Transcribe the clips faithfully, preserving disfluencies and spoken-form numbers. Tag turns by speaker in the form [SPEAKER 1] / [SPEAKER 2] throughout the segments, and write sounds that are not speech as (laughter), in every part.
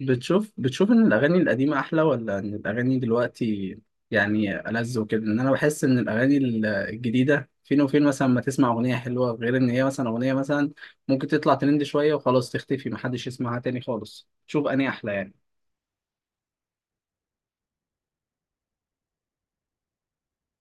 [SPEAKER 1] بتشوف بتشوف ان الاغاني القديمه احلى ولا ان الاغاني دلوقتي يعني ألذ وكده؟ ان انا بحس ان الاغاني ال- الجديده فين وفين، مثلا ما تسمع اغنيه حلوه، غير ان هي مثلا اغنيه مثلا ممكن تطلع ترند شويه وخلاص تختفي، محدش يسمعها تاني خالص. شوف اني احلى يعني.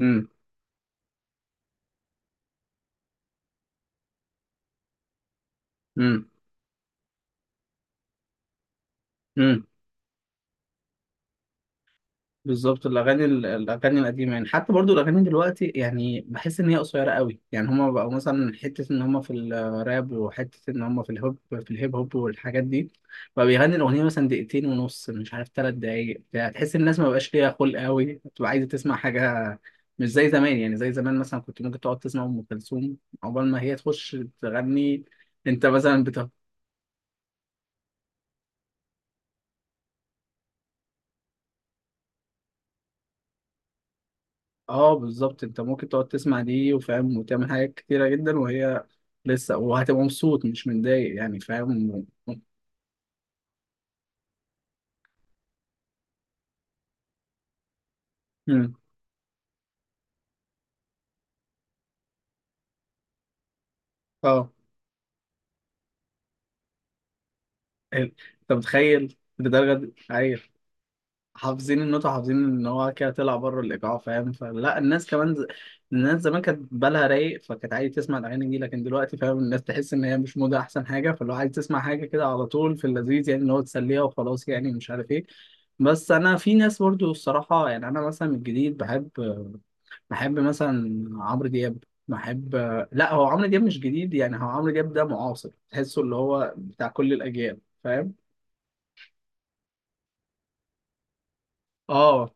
[SPEAKER 1] امم. امم. امم. بالظبط. الاغاني الاغاني القديمه يعني، حتى برضو الاغاني دلوقتي يعني بحس ان هي قصيره قوي، يعني هما بقوا مثلا حته ان هما في الراب، وحته ان هما في الهوب في الهيب هوب والحاجات دي، بقى بيغني الاغنيه مثلا دقيقتين ونص، مش عارف ثلاث دقايق بتاع. تحس الناس ما بقاش ليها خلق قوي، بتبقى عايزه تسمع حاجه. مش زي زمان يعني، زي زمان مثلا كنت ممكن تقعد تسمع ام كلثوم عقبال ما هي تخش تغني. انت مثلا. اه، بالظبط. انت ممكن تقعد تسمع دي وفاهم وتعمل حاجات كتيرة جدا وهي لسه، وهتبقى مبسوط مش متضايق يعني، فاهم. مم. اه. ال- انت متخيل لدرجة دي؟ ايوه. حافظين النوت وحافظين ان هو كده طلع بره الايقاع، فاهم. فلا الناس كمان ز... الناس زمان كانت بالها رايق، فكانت عايز تسمع الاغاني دي، لكن دلوقتي فاهم الناس تحس ان هي مش موضه احسن حاجه، فلو عايز تسمع حاجه كده على طول في اللذيذ، يعني ان هو تسليها وخلاص يعني، مش عارف ايه. بس انا في ناس برضو الصراحه، يعني انا مثلا من الجديد بحب بحب مثلا عمرو دياب. بحب، لا، هو عمرو دياب مش جديد يعني، هو عمرو دياب ده معاصر تحسه اللي هو بتاع كل الاجيال، فاهم. اه، اه،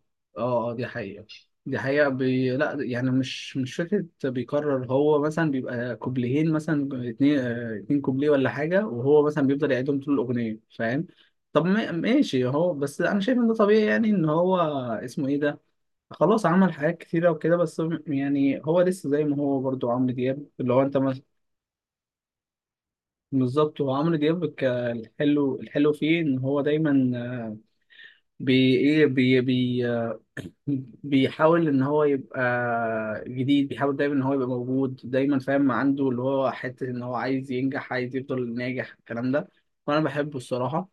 [SPEAKER 1] آه، دي حقيقة. دي حقيقة. بي... لا يعني، مش مش فكرة بيكرر، هو مثلا بيبقى كوبليهين، مثلا اتنين آه، اتنين كوبليه ولا حاجة، وهو مثلا بيفضل يعيدهم طول الأغنية، فاهم. طب ما- ماشي، هو بس أنا شايف إن ده طبيعي يعني، إن هو، اسمه إيه ده، خلاص عمل حاجات كتيرة وكده، بس م- يعني هو لسه زي ما هو برضو عمرو دياب، اللي هو أنت مس- بالظبط. هو عمرو دياب ك- الحلو الحلو فيه إن هو دايما بي إيه بي بي بيحاول ان هو يبقى جديد، بيحاول دايما ان هو يبقى موجود دايما، فاهم، عنده اللي هو حته ان هو عايز ينجح، عايز يفضل ناجح الكلام ده. وانا بحبه الصراحه.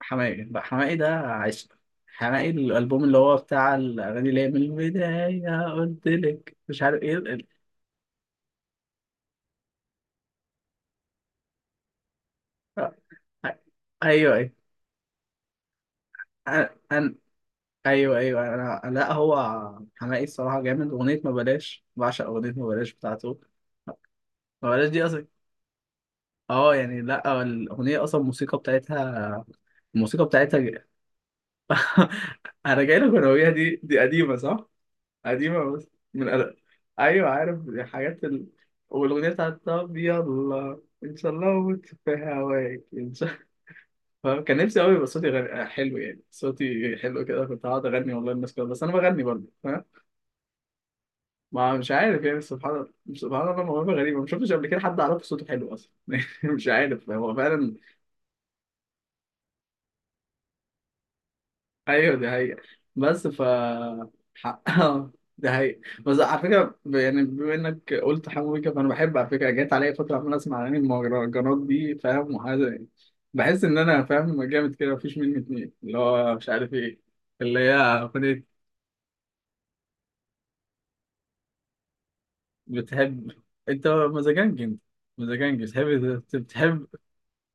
[SPEAKER 1] حماقي بقى، حماقي ده عشق. حماقي، الالبوم اللي هو بتاع الاغاني اللي هي من البدايه، قلت لك، مش عارف ايه ال- ال- ايوه، ايوه، انا أنا- ايوه، ايوه، انا، لا، هو حماقي الصراحه جامد. اغنيه ما بلاش، بعشق اغنيه ما بلاش بتاعته. ما بلاش دي اصلا، اه يعني، لا الاغنيه اصلا، الموسيقى بتاعتها، الموسيقى بتاعتها ج- (laughs) انا جاي لك، الاغنيه دي دي قديمه صح. قديمه، بس من أل... ايوه عارف، دي حاجات ال... والاغنيه بتاعت، طب يلا، ان شاء الله اموت في هواك، ان شاء (laughs) الله. كان نفسي قوي يبقى صوتي غ... حلو، يعني صوتي حلو كده كنت هقعد اغني والله الناس كده، بس انا بغني برضه، فاهم. ما مش عارف يعني، سبحان الله. سبحان الله، موهبه غريبه، ما شفتش قبل كده حد اعرفه صوته حلو اصلا. (laughs) مش عارف، هو فعلا. ايوه دي حقيقة. بس ف حقها. (laughs) دي حقيقة. بس على فكرة، ب- يعني بما انك قلت حمو بيكا، فانا بحب على فكرة، جت عليا فترة عمال اسمع اغاني المهرجانات دي، فاهم، وحاجة يعني، بحس ان انا فاهم جامد كده، مفيش مني اتنين اللي هو، مش عارف ايه، اللي هي اغنية. بتحب، انت مزاجنج، انت مزاجنج، بتحب بتحب.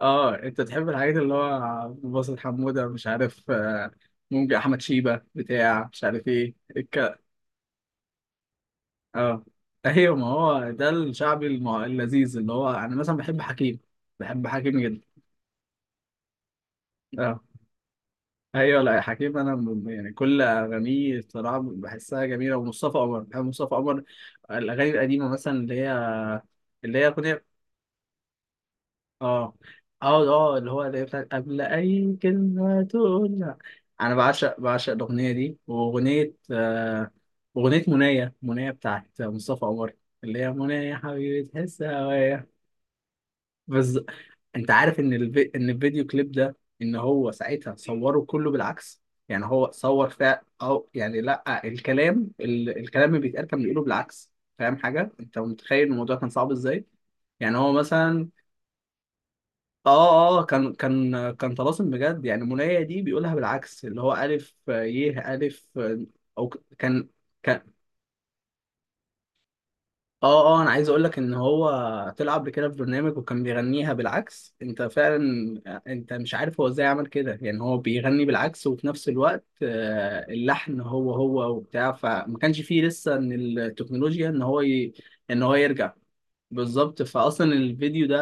[SPEAKER 1] اه، انت تحب الحاجات اللي هو باسل حمودة، مش عارف آه، ممكن احمد شيبة بتاع، مش عارف ايه. اه. ايوه، ما هو ده الشعبي المع... اللذيذ، اللي هو انا مثلا بحب حكيم. بحب حكيم جدا. اه، ايوه، لا حكيم انا ب- يعني كل اغانيه الصراحه بحسها جميله. ومصطفى قمر، بحب مصطفى قمر، الاغاني القديمه مثلا، اللي هي اللي هي اغنيه، اه، اه، اه، اللي هو اللي هي بتاعت قبل اي كلمه تقولها. انا بعشق بعشق الاغنيه دي. واغنيه آه اغنيه منايه منايه بتاعت مصطفى قمر، اللي هي منايه حبيبي تحس هوايا. بالظبط. انت عارف ان الفي... ان الفيديو كليب ده، ان هو ساعتها صوره كله بالعكس، يعني هو صور، فا او يعني، لا، الكلام ال... الكلام اللي بيتقال كان بيقوله بالعكس، فاهم حاجه؟ انت متخيل الموضوع كان صعب ازاي؟ يعني هو مثلا، اه، اه، آه، كان كان كان طلاسم بجد، يعني منايا دي بيقولها بالعكس، اللي هو الف، ي، الف. او ك- كان، ك- اه، اه، انا عايز اقول لك ان هو طلع قبل كده في برنامج وكان بيغنيها بالعكس، انت فعلا، انت مش عارف هو ازاي عمل كده، يعني هو بيغني بالعكس وفي نفس الوقت آه، اللحن هو هو وبتاع، فما كانش فيه لسه ان التكنولوجيا ان هو ي... ان هو يرجع. بالظبط. فاصلا الفيديو ده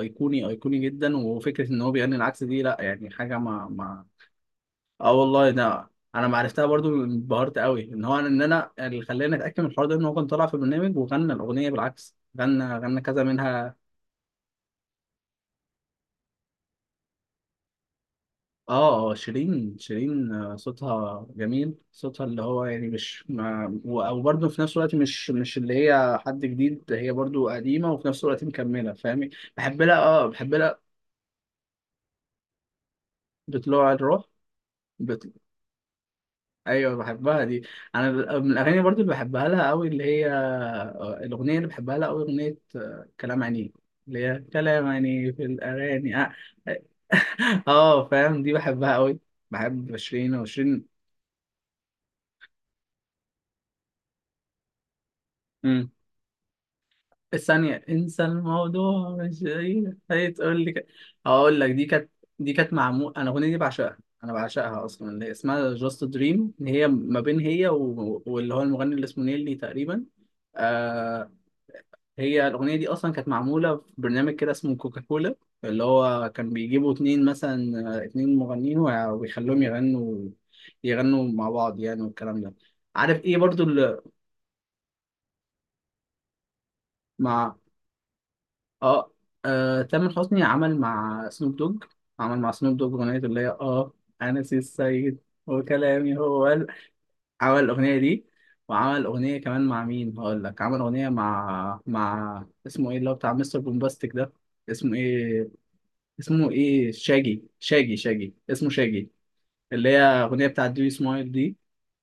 [SPEAKER 1] ايقوني ايقوني جدا، وفكره ان هو بيغني العكس دي لا يعني حاجه، ما ما. اه والله ده، انا ما عرفتها برضو، انبهرت قوي ان هو ان انا اللي خلاني اتاكد من الحوار ده ان هو كان طالع في برنامج وغنى الاغنيه بالعكس. غنى غنى كذا منها. اه، آه، شيرين، شيرين، آه، صوتها جميل. صوتها اللي هو يعني مش، ما و- او برضو في نفس الوقت مش مش اللي هي حد جديد، هي برضو قديمه وفي نفس الوقت مكمله، فاهمي. بحب لها اه بحب لها بطلوع الروح. ايوه بحبها دي. انا ب- من الاغاني برضو اللي بحبها لها قوي، اللي هي آه، الاغنيه اللي بحبها لها قوي اغنيه، آه، كلام عينيك، اللي هي كلام عينيك في الاغاني. اه. (laughs) آه، فاهم، دي بحبها قوي. بحب شيرين، وشيرين. امم. الثانيه انسى الموضوع، مش هي، هي تقول لي ك... هقول لك، دي كانت دي كانت معمول. انا الاغنيه دي بعشقها، انا بعشقها اصلا، اللي هي اسمها جاست دريم، هي ما بين هي و، واللي هو المغني اللي اسمه نيلي تقريبا. آه، هي الأغنية دي أصلا كانت معمولة في برنامج كده اسمه كوكاكولا، اللي هو كان بيجيبوا اتنين مثلا، آه، اتنين مغنيين ويع- ويخلوهم يغنوا، يغنوا مع بعض يعني والكلام ده، عارف ايه برضو اللي. مع، اه, آه تامر حسني عمل مع سنوب دوج عمل مع سنوب دوج أغنية اللي هي، اه، أنا سي السيد. وكلامي هو ال- عمل الأغنية دي، وعمل أغنية كمان مع مين هقول لك، عمل أغنية مع مع اسمه ايه، اللي هو بتاع مستر بومباستيك ده، اسمه ايه، اسمه ايه، شاجي شاجي شاجي اسمه شاجي، اللي هي اغنيه بتاعت دي سمايل دي.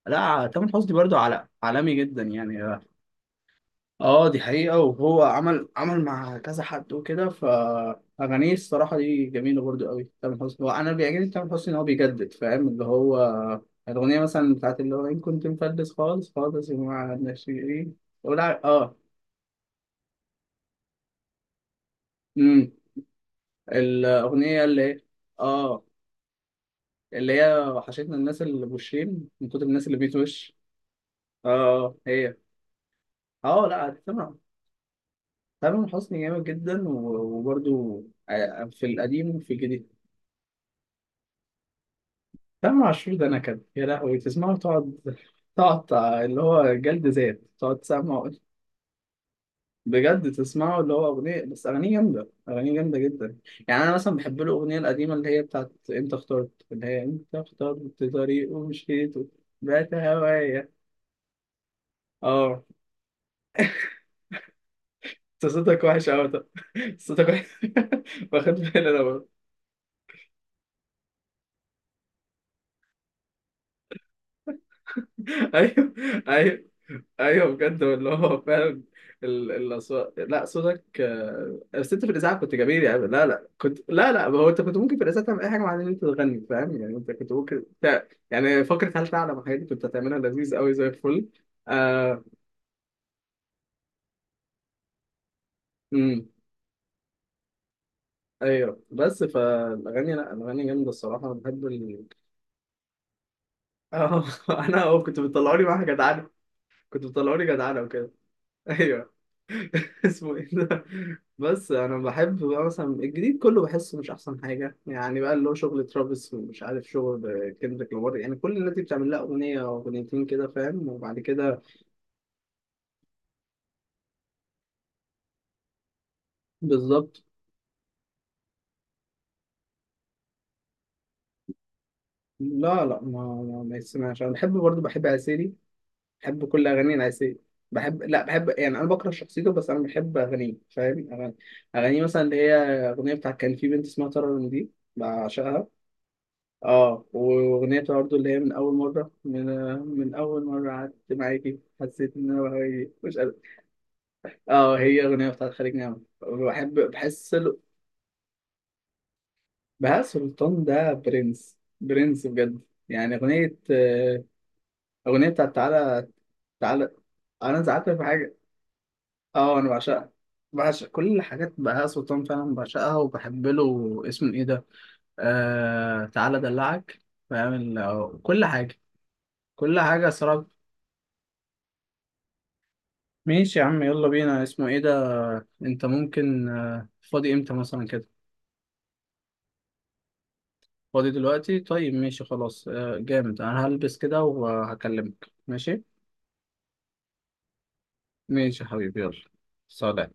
[SPEAKER 1] لا، تامر حسني برضو على عالمي جدا يعني. اه، دي حقيقه، وهو عمل، عمل مع كذا حد وكده، فاغانيه الصراحه دي جميله برضو قوي. تامر حسني، هو انا اللي بيعجبني في تامر حسني ان هو بيجدد، فاهم، اللي هو الاغنيه مثلا بتاعت اللي هو ان كنت مفلس، خالص خالص يا جماعه ناشئين، ولا، اه. امم. الاغنيه اللي، اه اللي هي وحشتنا الناس اللي بوشين من كتر الناس اللي بيتوش. اه، هي. اه لا تمام. تامر حسني جامد جدا، و- وبرضو، آه، آه، في القديم وفي الجديد. تامر عاشور ده نكد يا لهوي، تسمعه تقعد تقعد تع- اللي هو جلد ذات تقعد تسمعه. بجد تسمعه، اللي هو أغنية، بس أغانيه جامدة، أغانيه جامدة جدا، يعني أنا مثلا بحب له الأغنية القديمة اللي هي بتاعت أنت اخترت، اللي هي أنت اخترت طريق ومشيت، بعت هوايا. اه. أنت صوتك وحش أوي، صوتك وحش. (laughs) واخد بالي أنا برضه. (laughs) ايوه، ايوه، ايوه بجد، اللي هو فعلا ال- الاصوات، لا صوتك، آه، بس انت في الاذاعه كنت جميل، يعني لا لا، كنت، لا لا، ما هو انت كنت ممكن في الاذاعه تعمل اي حاجه مع ان انت تغني، فاهم يعني، انت كنت ممكن تع... يعني فكره هل تعلم، الحاجات دي كنت هتعملها لذيذ قوي زي الفل. آه... امم. ايوه، بس فالاغاني، لا، الاغاني جامده الصراحه. انا بحب ال... اه (laughs) انا اه كنت بتطلعوني معاها جدعنه، كنت بتطلعوني جدعنه وكده. (laughs) ايوه. (laughs) اسمه ايه ده؟ بس انا بحب بقى مثلا الجديد كله بحسه مش احسن حاجه، يعني بقى اللي هو شغل ترافيس، ومش عارف شغل كندريك لامار، يعني كل الناس دي بتعمل لها اغنيه او اغنيتين كده فاهم، وبعد كده. بالظبط. لا لا، ما، ما, ما يسمعش. انا بحب برضه، بحب عسيلي، بحب كل اغاني العسيلي. بحب، لا، بحب يعني، انا بكره شخصيته بس انا بحب اغانيه، فاهم، اغاني، اغانيه مثلا اللي هي اغنيه بتاعت كان في بنت اسمها ترى، دي بعشقها. اه، واغنيه برضه اللي هي من اول مره، من من اول مره قعدت معاكي حسيت ان انا بهوي مش قادر. اه، هي اغنيه بتاعت خليج نعمة، بحب بحس له. بهاء سلطان ده برنس، برنس بجد، يعني اغنيه، آه، اغنيه بتاعت تعالى. تعالى، انا زعلت في حاجه. اه، انا بعشقها، بعشق كل الحاجات بهاء سلطان فعلا بعشقها. وبحب له اسمه ايه ده، آه، تعالى ادلعك، فاهم، ال- كل حاجه. كل حاجه صراحه. ماشي يا عم، يلا بينا، اسمه ايه ده، انت ممكن، آه، فاضي امتى مثلا كده؟ فاضي دلوقتي، طيب ماشي خلاص، آه، جامد. انا هلبس كده وهكلمك، ماشي. ماشي يا حبيبي، يلا، سلام.